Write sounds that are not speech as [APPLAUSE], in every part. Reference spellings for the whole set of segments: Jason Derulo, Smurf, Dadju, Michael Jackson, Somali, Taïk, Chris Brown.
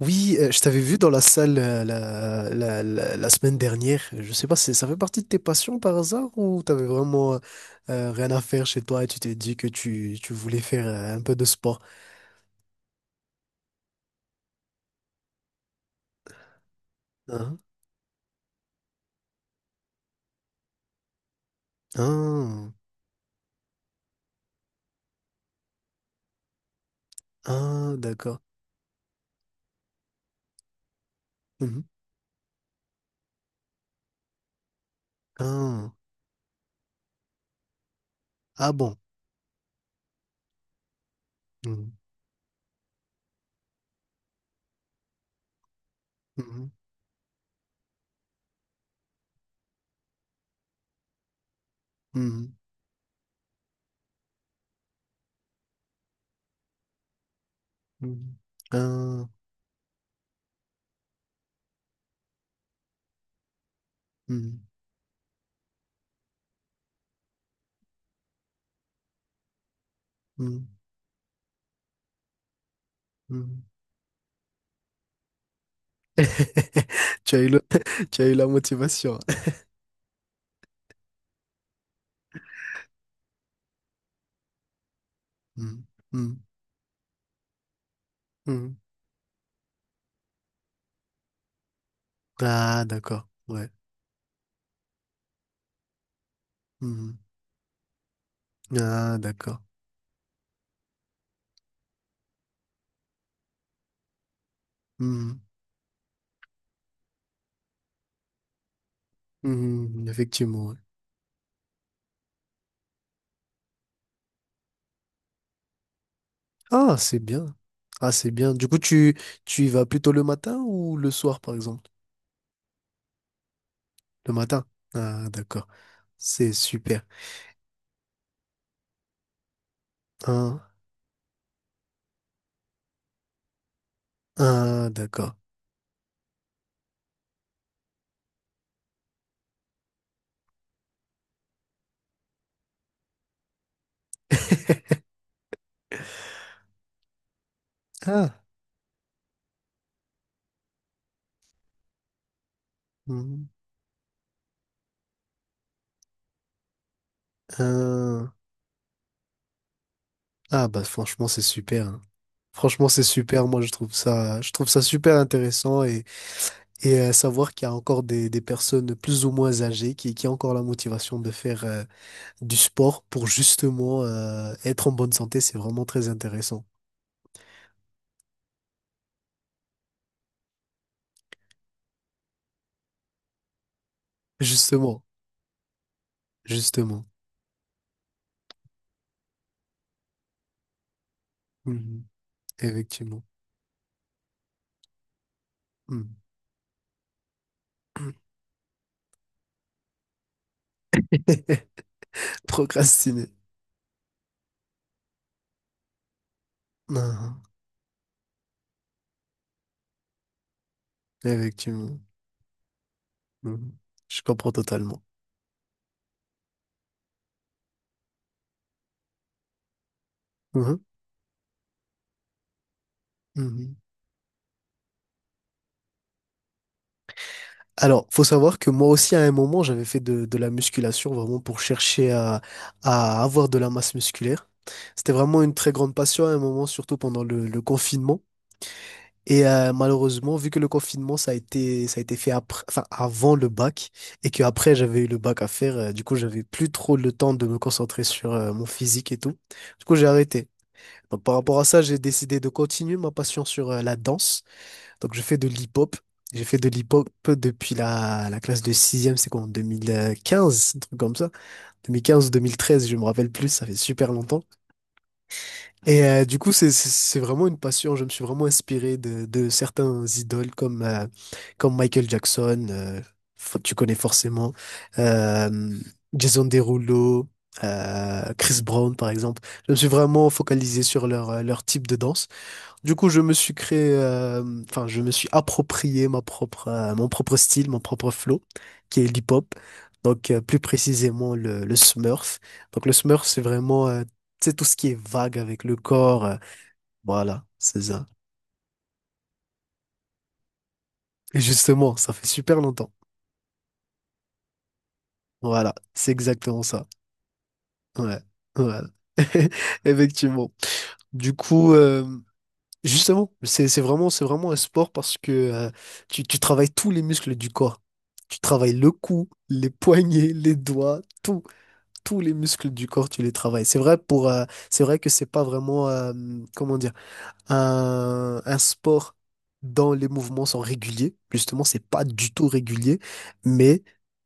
Oui, je t'avais vu dans la salle, la semaine dernière. Je sais pas, si ça fait partie de tes passions par hasard ou t'avais vraiment rien à faire chez toi et tu t'es dit que tu voulais faire un peu de sport? Hein. Ah, ah, d'accord. Mhm. Ah, ah bon. Mhm. Mhm. Mhm. Mhm. Ah, mhm. Mhm. Mhm. [LAUGHS] Tu as eu le- [LAUGHS] Tu as eu la motivation. [LAUGHS] Mhm. Mhm. Mhm. Ah, d'accord. Ouais. Mhm. Ah, d'accord. Mhm. Mhm, effectivement. Ouais. Ah, c'est bien. Ah, c'est bien. Du coup, tu y vas plutôt le matin ou le soir, par exemple? Le matin. Ah, d'accord. C'est super. Ah, ah, d'accord. [LAUGHS] Ah, mhm. Ah, ah, bah franchement, c'est super, hein. Franchement, c'est super. Moi, je trouve ça super intéressant et savoir qu'il y a encore des personnes plus ou moins âgées qui ont encore la motivation de faire, du sport pour justement être en bonne santé, c'est vraiment très intéressant. Justement, justement. Mhm. Effectivement. Mhm. [LAUGHS] Procrastiner. Mhm. Effectivement. Mhm. Je comprends totalement. Mhm. Mhm. Alors, faut savoir que moi aussi, à un moment, j'avais fait de la musculation vraiment pour chercher à avoir de la masse musculaire. C'était vraiment une très grande passion à un moment, surtout pendant le confinement. Et malheureusement, vu que le confinement, ça a été fait après, enfin, avant le bac, et que après j'avais eu le bac à faire, du coup, j'avais plus trop le temps de me concentrer sur mon physique et tout. Du coup, j'ai arrêté. Donc, par rapport à ça, j'ai décidé de continuer ma passion sur la danse. Donc, je fais de l'hip-hop. J'ai fait de l'hip-hop depuis la classe de sixième, c'est quoi, en 2015, un truc comme ça. 2015 ou 2013, je me rappelle plus, ça fait super longtemps. Et du coup, c'est vraiment une passion. Je me suis vraiment inspiré de certains idoles comme Michael Jackson, tu connais forcément, euh, Jason Derulo, Chris Brown, par exemple. Je me suis vraiment focalisé sur leur type de danse. Du coup, je me suis créé, enfin, je me suis approprié mon propre style, mon propre flow, qui est l'hip-hop. Donc, plus précisément, le Smurf. Donc, le Smurf, c'est vraiment, c'est tout ce qui est vague avec le corps. Voilà, c'est ça. Et justement, ça fait super longtemps. Voilà, c'est exactement ça. Ouais, voilà. [LAUGHS] Effectivement. Du coup, justement, c'est vraiment, c'est vraiment un sport parce que tu travailles tous les muscles du corps. Tu travailles le cou, les poignets, les doigts, tout. Tous les muscles du corps, tu les travailles. C'est vrai que c'est pas vraiment, comment dire, un sport dont les mouvements sont réguliers. Justement, c'est pas du tout régulier, mais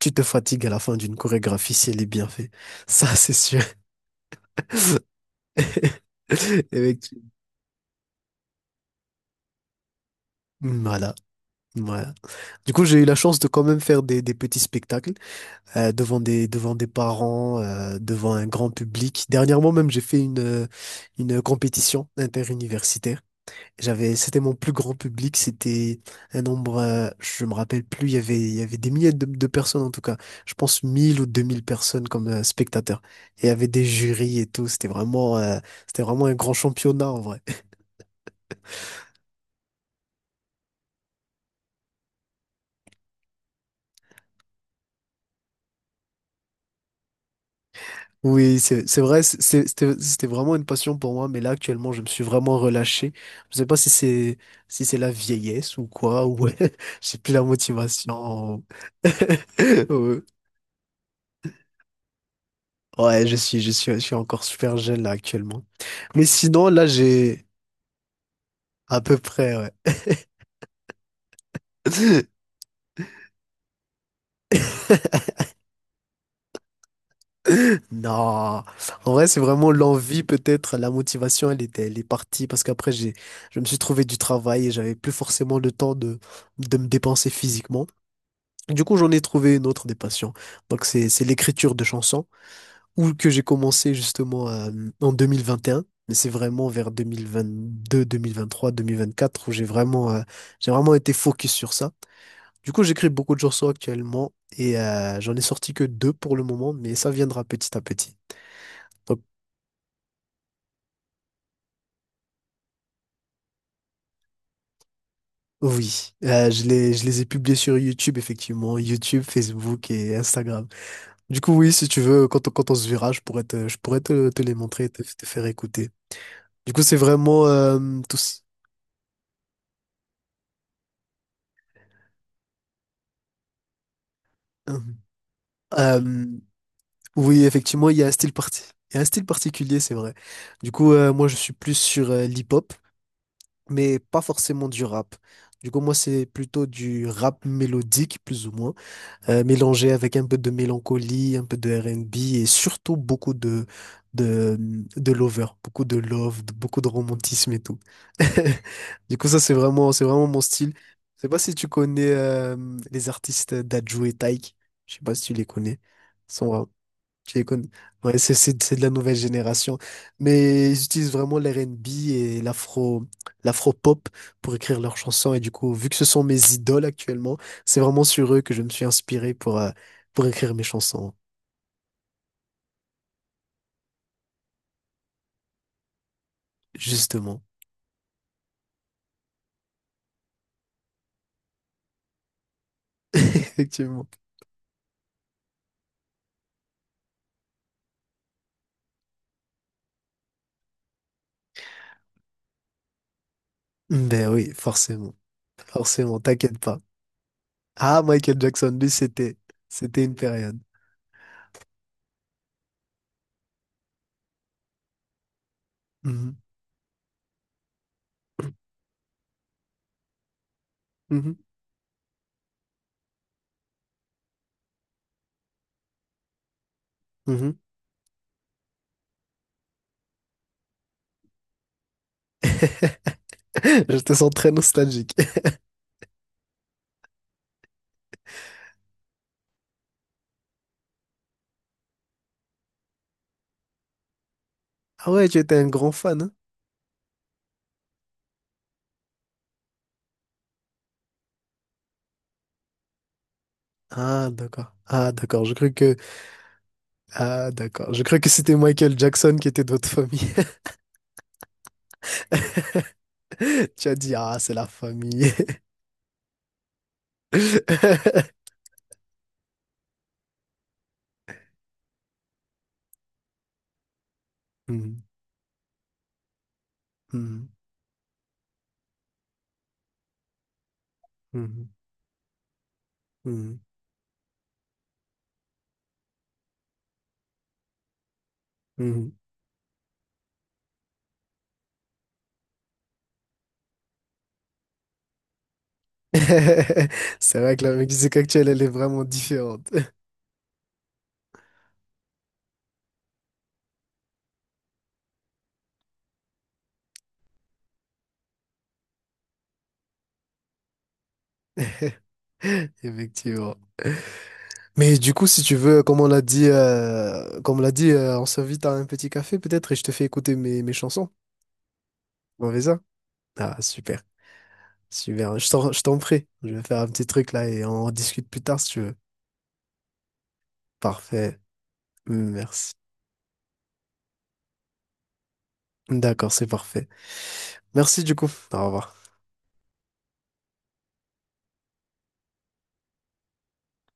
tu te fatigues à la fin d'une chorégraphie si elle est bien faite. Ça, c'est sûr. [LAUGHS] Effectivement. Voilà. Ouais. Du coup, j'ai eu la chance de quand même faire des petits spectacles devant des parents, devant un grand public. Dernièrement même, j'ai fait une compétition interuniversitaire. J'avais C'était mon plus grand public, c'était un nombre, je me rappelle plus, il y avait des milliers de personnes en tout cas. Je pense 1 000 ou 2 000 personnes comme spectateurs. Et il y avait des jurys et tout, c'était vraiment un grand championnat en vrai. Oui, c'est vrai, c'était vraiment une passion pour moi, mais là actuellement, je me suis vraiment relâché. Je sais pas si c'est la vieillesse ou quoi, ou [LAUGHS] j'ai plus la motivation. [LAUGHS] Ouais, ouais, je suis encore super jeune là actuellement. Mais sinon, là j'ai à peu près ouais. [LAUGHS] Non, en vrai, c'est vraiment l'envie peut-être, la motivation, elle est partie parce qu'après j'ai je me suis trouvé du travail et j'avais plus forcément le temps de me dépenser physiquement. Du coup, j'en ai trouvé une autre des passions. Donc, c'est l'écriture de chansons, ou que j'ai commencé justement en 2021, mais c'est vraiment vers 2022, 2023, 2024 où j'ai vraiment été focus sur ça. Du coup, j'écris beaucoup de chansons actuellement et j'en ai sorti que deux pour le moment, mais ça viendra petit à petit. Donc, oui, je les ai publiés sur YouTube, effectivement, YouTube, Facebook et Instagram. Du coup, oui, si tu veux, quand on se verra, je pourrais te les montrer et te faire écouter. Du coup, c'est vraiment tous. euh, euh, oui, effectivement, il y a un style particulier, c'est vrai. Du coup, moi, je suis plus sur l'hip-hop, mais pas forcément du rap. Du coup, moi, c'est plutôt du rap mélodique, plus ou moins. Mélangé avec un peu de mélancolie, un peu de R&B et surtout beaucoup de, de lover, beaucoup de love, beaucoup de romantisme et tout. [LAUGHS] Du coup, ça, c'est vraiment mon style. Je sais pas si tu connais les artistes Dadju et Taïk. Je sais pas si tu les connais. Je les connais. Ouais, c'est de la nouvelle génération. Mais ils utilisent vraiment l'R&B et l'afro-pop pour écrire leurs chansons. Et du coup, vu que ce sont mes idoles actuellement, c'est vraiment sur eux que je me suis inspiré pour écrire mes chansons, justement. [LAUGHS] Effectivement. Ben oui, forcément. Forcément, t'inquiète pas. Ah, Michael Jackson, lui, c'était une période. Mhm. Mhm. Mhm. [LAUGHS] Je te sens très nostalgique. [LAUGHS] Ah ouais, tu étais un grand fan, hein? Ah, d'accord. Ah, d'accord. Je crois que. Ah, d'accord. Je crois que c'était Michael Jackson qui était de votre famille. [LAUGHS] Tu as dit, ah, c'est la famille. [LAUGHS] Mhm, mhm, mhm, mhm, mhm. [LAUGHS] C'est vrai que la musique actuelle, elle est vraiment différente. [LAUGHS] Effectivement. Mais du coup, si tu veux, comme on l'a dit, on s'invite à un petit café peut-être et je te fais écouter mes chansons. On fait ça? Ah, super. Super. Je t'en prie. Je vais faire un petit truc là et on en discute plus tard si tu veux. Parfait. Merci. D'accord, c'est parfait. Merci du coup. Au revoir.